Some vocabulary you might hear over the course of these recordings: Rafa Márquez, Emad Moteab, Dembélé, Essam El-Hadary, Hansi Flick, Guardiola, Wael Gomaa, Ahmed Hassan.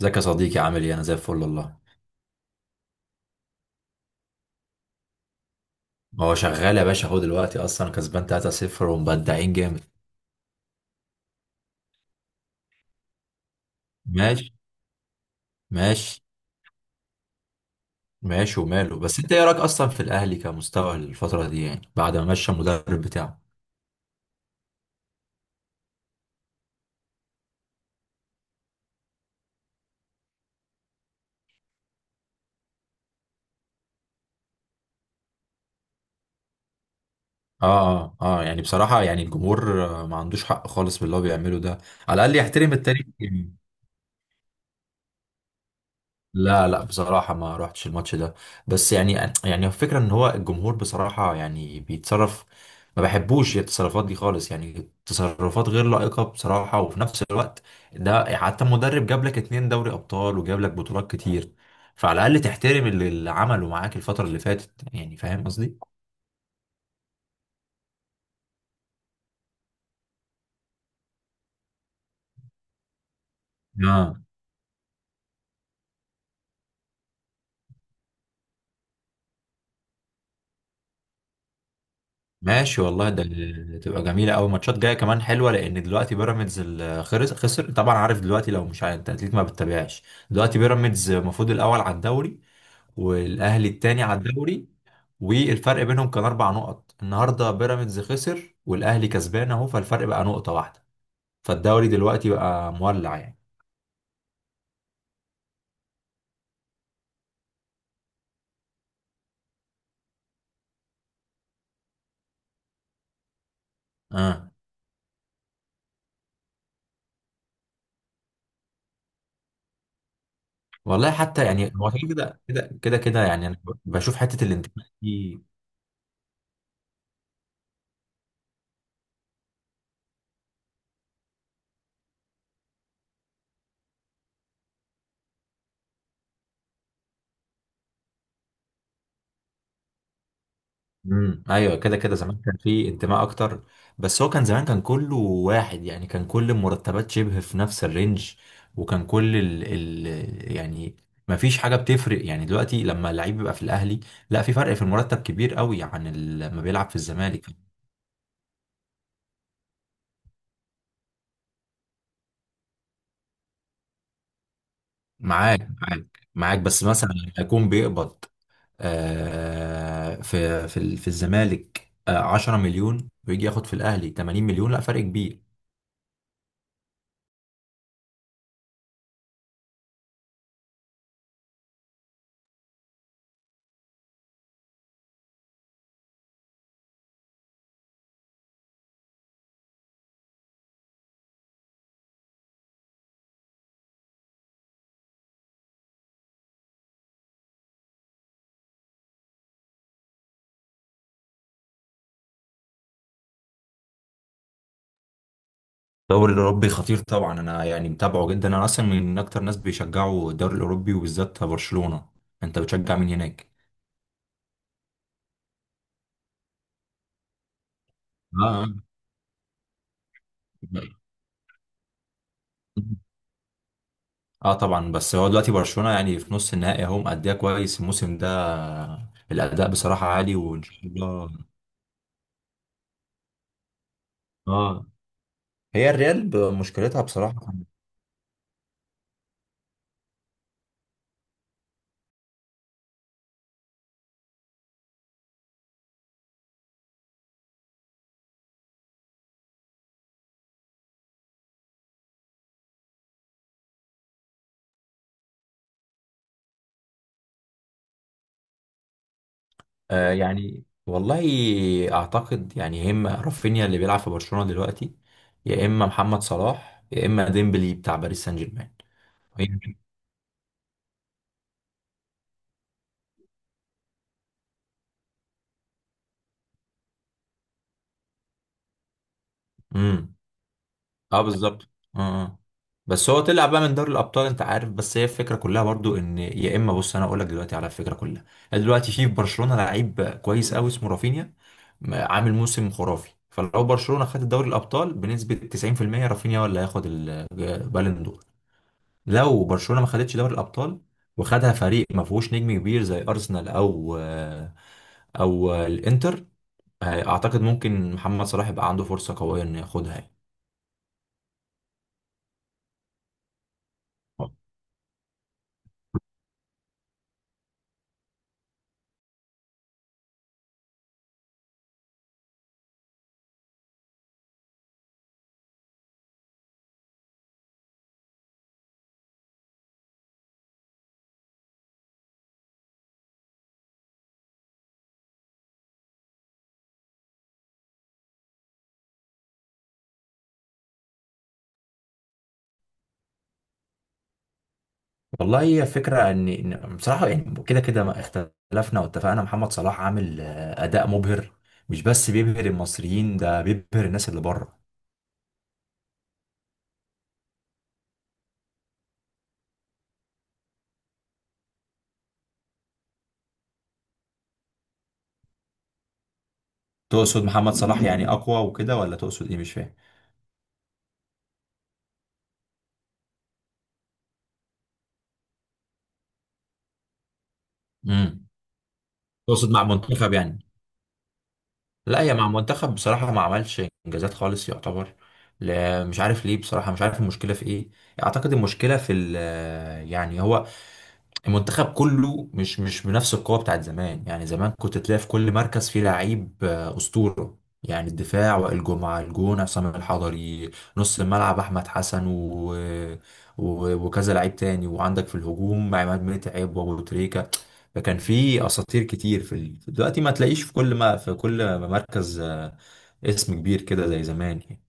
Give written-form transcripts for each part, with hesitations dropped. ازيك يا صديقي؟ عامل ايه؟ انا زي الفل والله. هو شغال يا باشا، اهو دلوقتي اصلا كسبان 3-0 ومبدعين جامد. ماشي. ماشي. ماشي وماله، بس انت ايه رايك اصلا في الاهلي كمستوى الفتره دي، يعني بعد ما مشى المدرب بتاعه؟ اه، اه، اه، يعني بصراحه يعني الجمهور ما عندوش حق خالص باللي هو بيعمله ده، على الاقل يحترم التاريخ يعني. لا، لا، بصراحة ما روحتش الماتش ده. بس يعني، الفكرة ان هو الجمهور بصراحة يعني بيتصرف، ما بحبوش التصرفات دي خالص، يعني تصرفات غير لائقة بصراحة، وفي نفس الوقت ده حتى مدرب جاب لك اتنين دوري ابطال وجاب لك بطولات كتير، فعلى الاقل تحترم اللي عمله معاك الفترة اللي فاتت، يعني فاهم قصدي؟ اه ماشي والله، تبقى جميله قوي، ماتشات جايه كمان حلوه، لان دلوقتي بيراميدز خسر، طبعا عارف دلوقتي، لو مش عارف انت اكيد ما بتتابعش. دلوقتي بيراميدز المفروض الاول على الدوري، والاهلي التاني على الدوري، والفرق بينهم كان اربع نقط، النهارده بيراميدز خسر والاهلي كسبان اهو، فالفرق بقى نقطه واحده، فالدوري دلوقتي بقى مولع يعني. اه والله، حتى يعني هو كده كده يعني انا بشوف حته الانتماء دي. ايوه كده كده، زمان كان في انتماء اكتر، بس هو كان زمان كان كله واحد، يعني كان كل المرتبات شبه في نفس الرينج، وكان كل ال يعني ما فيش حاجه بتفرق، يعني دلوقتي لما اللعيب بيبقى في الاهلي، لا في فرق في المرتب كبير قوي عن لما بيلعب في الزمالك. معاك، معاك، معاك، بس مثلا لما يكون بيقبض في الزمالك 10 مليون ويجي ياخد في الاهلي 80 مليون، لا فرق كبير. الدوري الأوروبي خطير طبعا، أنا يعني متابعه جدا، أنا أصلا من أكتر ناس بيشجعوا الدوري الأوروبي وبالذات برشلونة. أنت بتشجع مين هناك؟ اه، أه طبعا، بس هو دلوقتي برشلونة يعني في نص النهائي أهو، مأديها كويس الموسم ده، الأداء بصراحة عالي، وإن شاء الله. اه، هي الريال مشكلتها بصراحة. يعني والله، أعتقد يعني يا إما رافينيا اللي بيلعب في برشلونة دلوقتي، يا إما محمد صلاح، يا إما ديمبلي بتاع باريس سان جيرمان. اه بالظبط. اه، آه. بس هو طلع بقى من دوري الابطال انت عارف، بس هي الفكره كلها برضو، ان يا اما بص انا اقول لك دلوقتي على الفكره كلها، يعني دلوقتي في برشلونه لعيب كويس قوي اسمه رافينيا، عامل موسم خرافي، فلو برشلونه خد دوري الابطال بنسبه 90% رافينيا هو اللي هياخد البالون دور، لو برشلونه ما خدتش دوري الابطال وخدها فريق ما فيهوش نجم كبير زي ارسنال او الانتر، اعتقد ممكن محمد صلاح يبقى عنده فرصه قويه انه ياخدها يعني. والله هي فكرة ان بصراحة، يعني كده كده ما اختلفنا واتفقنا، محمد صلاح عامل اداء مبهر، مش بس بيبهر المصريين، ده بيبهر الناس اللي بره. تقصد محمد صلاح يعني اقوى وكده، ولا تقصد ايه؟ مش فاهم. امم تقصد مع منتخب يعني؟ لا هي مع منتخب بصراحة ما عملش انجازات خالص يعتبر، لا مش عارف ليه بصراحة، مش عارف المشكلة في ايه، اعتقد المشكلة في يعني هو المنتخب كله مش بنفس القوة بتاعت زمان، يعني زمان كنت تلاقي في كل مركز فيه لعيب أسطورة، يعني الدفاع وائل جمعة، الجون عصام الحضري، نص الملعب أحمد حسن وكذا لعيب تاني، وعندك في الهجوم عماد متعب وأبو تريكة، فكان في أساطير كتير دلوقتي ما تلاقيش في كل، ما في كل مركز اسم كبير كده زي زمان يعني.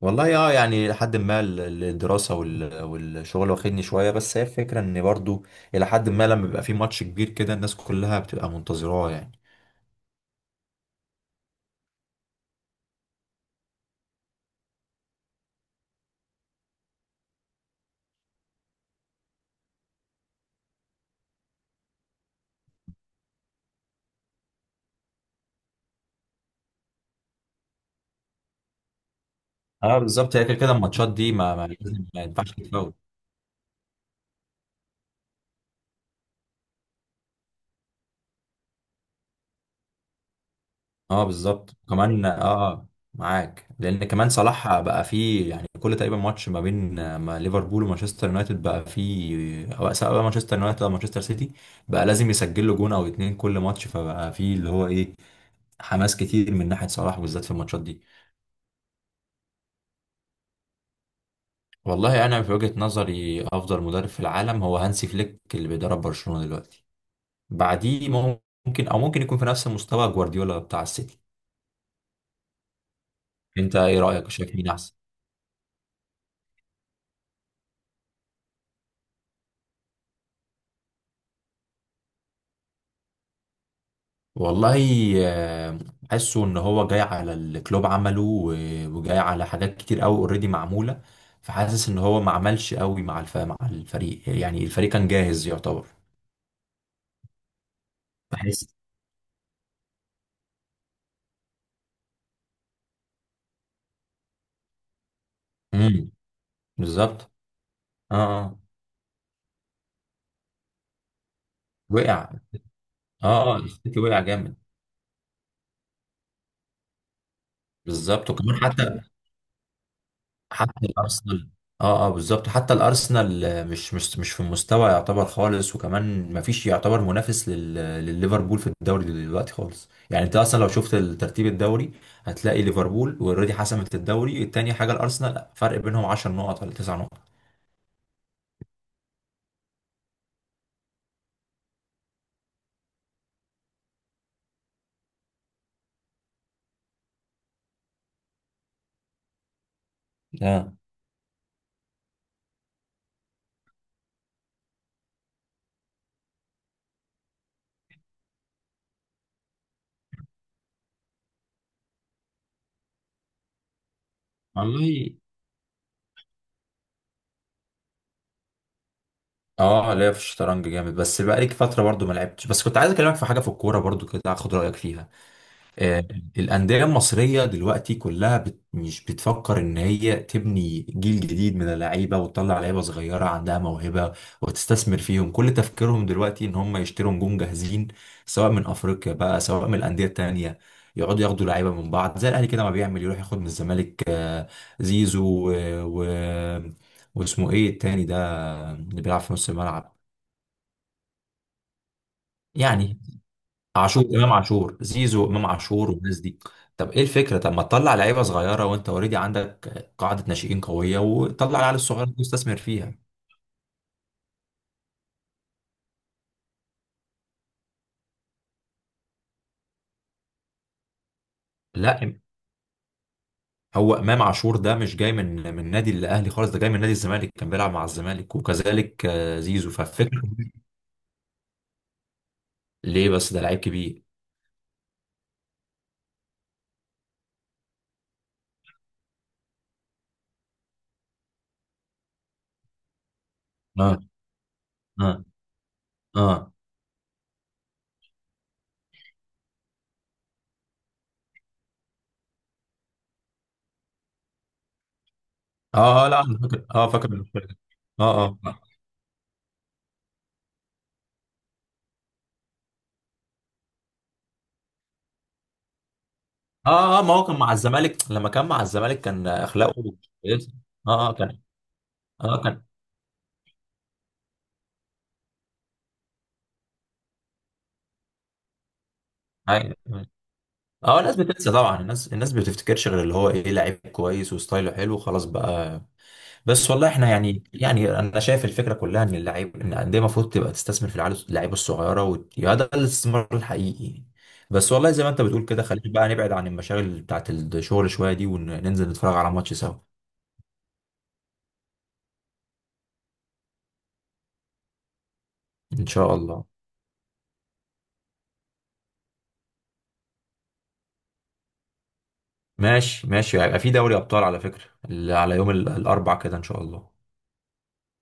والله اه يعني، لحد ما الدراسة والشغل واخدني شوية، بس هي الفكرة ان برضو الى حد ما، لما بيبقى في ماتش كبير كده الناس كلها بتبقى منتظراه يعني. اه بالظبط، هي كده كده الماتشات دي ما لازم ما ينفعش تتفوت. اه بالظبط كمان، اه معاك، لان كمان صلاح بقى فيه، يعني كل تقريبا ماتش ما بين آه، ما ليفربول ومانشستر يونايتد بقى فيه، او سواء بقى مانشستر يونايتد او مانشستر سيتي، بقى لازم يسجل له جون او اتنين كل ماتش، فبقى فيه اللي هو ايه، حماس كتير من ناحية صلاح بالذات في الماتشات دي. والله انا في وجهة نظري افضل مدرب في العالم هو هانسي فليك اللي بيدرب برشلونة دلوقتي، بعديه ممكن، او ممكن يكون في نفس مستوى جوارديولا بتاع السيتي. انت ايه رأيك، شايف مين احسن؟ والله آه، حاسه ان هو جاي على الكلوب عمله وجاي على حاجات كتير قوي اوريدي معمولة، فحاسس ان هو ما عملش قوي مع مع الفريق، يعني الفريق كان جاهز يعتبر، بحس. امم بالظبط. اه، آه. وقع. اه، اه، السيتي وقع جامد. بالظبط، وكمان حتى الارسنال. اه، اه بالظبط، حتى الارسنال مش في المستوى يعتبر خالص، وكمان ما فيش يعتبر منافس لليفربول في الدوري دلوقتي خالص، يعني انت اصلا لو شفت ترتيب الدوري هتلاقي ليفربول اوريدي حسمت الدوري، التاني حاجه الارسنال فرق بينهم 10 نقط ولا 9 نقط. اه والله اه، لا في الشطرنج جامد، بس بقالي فتره برضو ما لعبتش، بس كنت عايز اكلمك في حاجه في الكوره برضو كده، اخد رايك فيها. آه، الأندية المصرية دلوقتي كلها مش بتفكر إن هي تبني جيل جديد من اللعيبة وتطلع لعيبة صغيرة عندها موهبة وتستثمر فيهم، كل تفكيرهم دلوقتي إن هم يشتروا نجوم جاهزين، سواء من أفريقيا بقى، سواء من الأندية التانية، يقعدوا ياخدوا لعيبة من بعض، زي الأهلي كده ما بيعمل، يروح ياخد من الزمالك زيزو و... و... واسمه إيه التاني ده، اللي بيلعب في نص الملعب، يعني عاشور، امام عاشور، زيزو، امام عاشور والناس دي. طب ايه الفكره؟ طب ما تطلع لعيبه صغيره، وانت اوريدي عندك قاعده ناشئين قويه، وطلع العيال الصغيره دي واستثمر فيها. لا هو امام عاشور ده مش جاي من نادي الاهلي خالص، ده جاي من نادي الزمالك، كان بيلعب مع الزمالك، وكذلك زيزو، فالفكره. ليه بس؟ ده لعيب كبير. اه، اه، اه، اه، لا انا فاكر، اه فاكر الفرقة. اه، اه، اه، اه، ما هو كان مع الزمالك، لما كان مع الزمالك كان اخلاقه كويسه. اه، اه كان، اه كان. أيوة. اه الناس بتنسى طبعا، الناس بتفتكرش غير اللي هو ايه لعيب كويس وستايله حلو، خلاص بقى. بس والله احنا يعني، انا شايف الفكره كلها ان اللعيب، ان الانديه المفروض تبقى تستثمر في اللعيبه الصغيره، وده الاستثمار الحقيقي. بس والله زي ما انت بتقول كده، خلينا بقى نبعد عن المشاغل بتاعت الشغل شويه دي، وننزل نتفرج على ماتش سوا. ان شاء الله. ماشي، ماشي هيبقى في دوري ابطال على فكره، اللي على يوم الاربع كده ان شاء الله.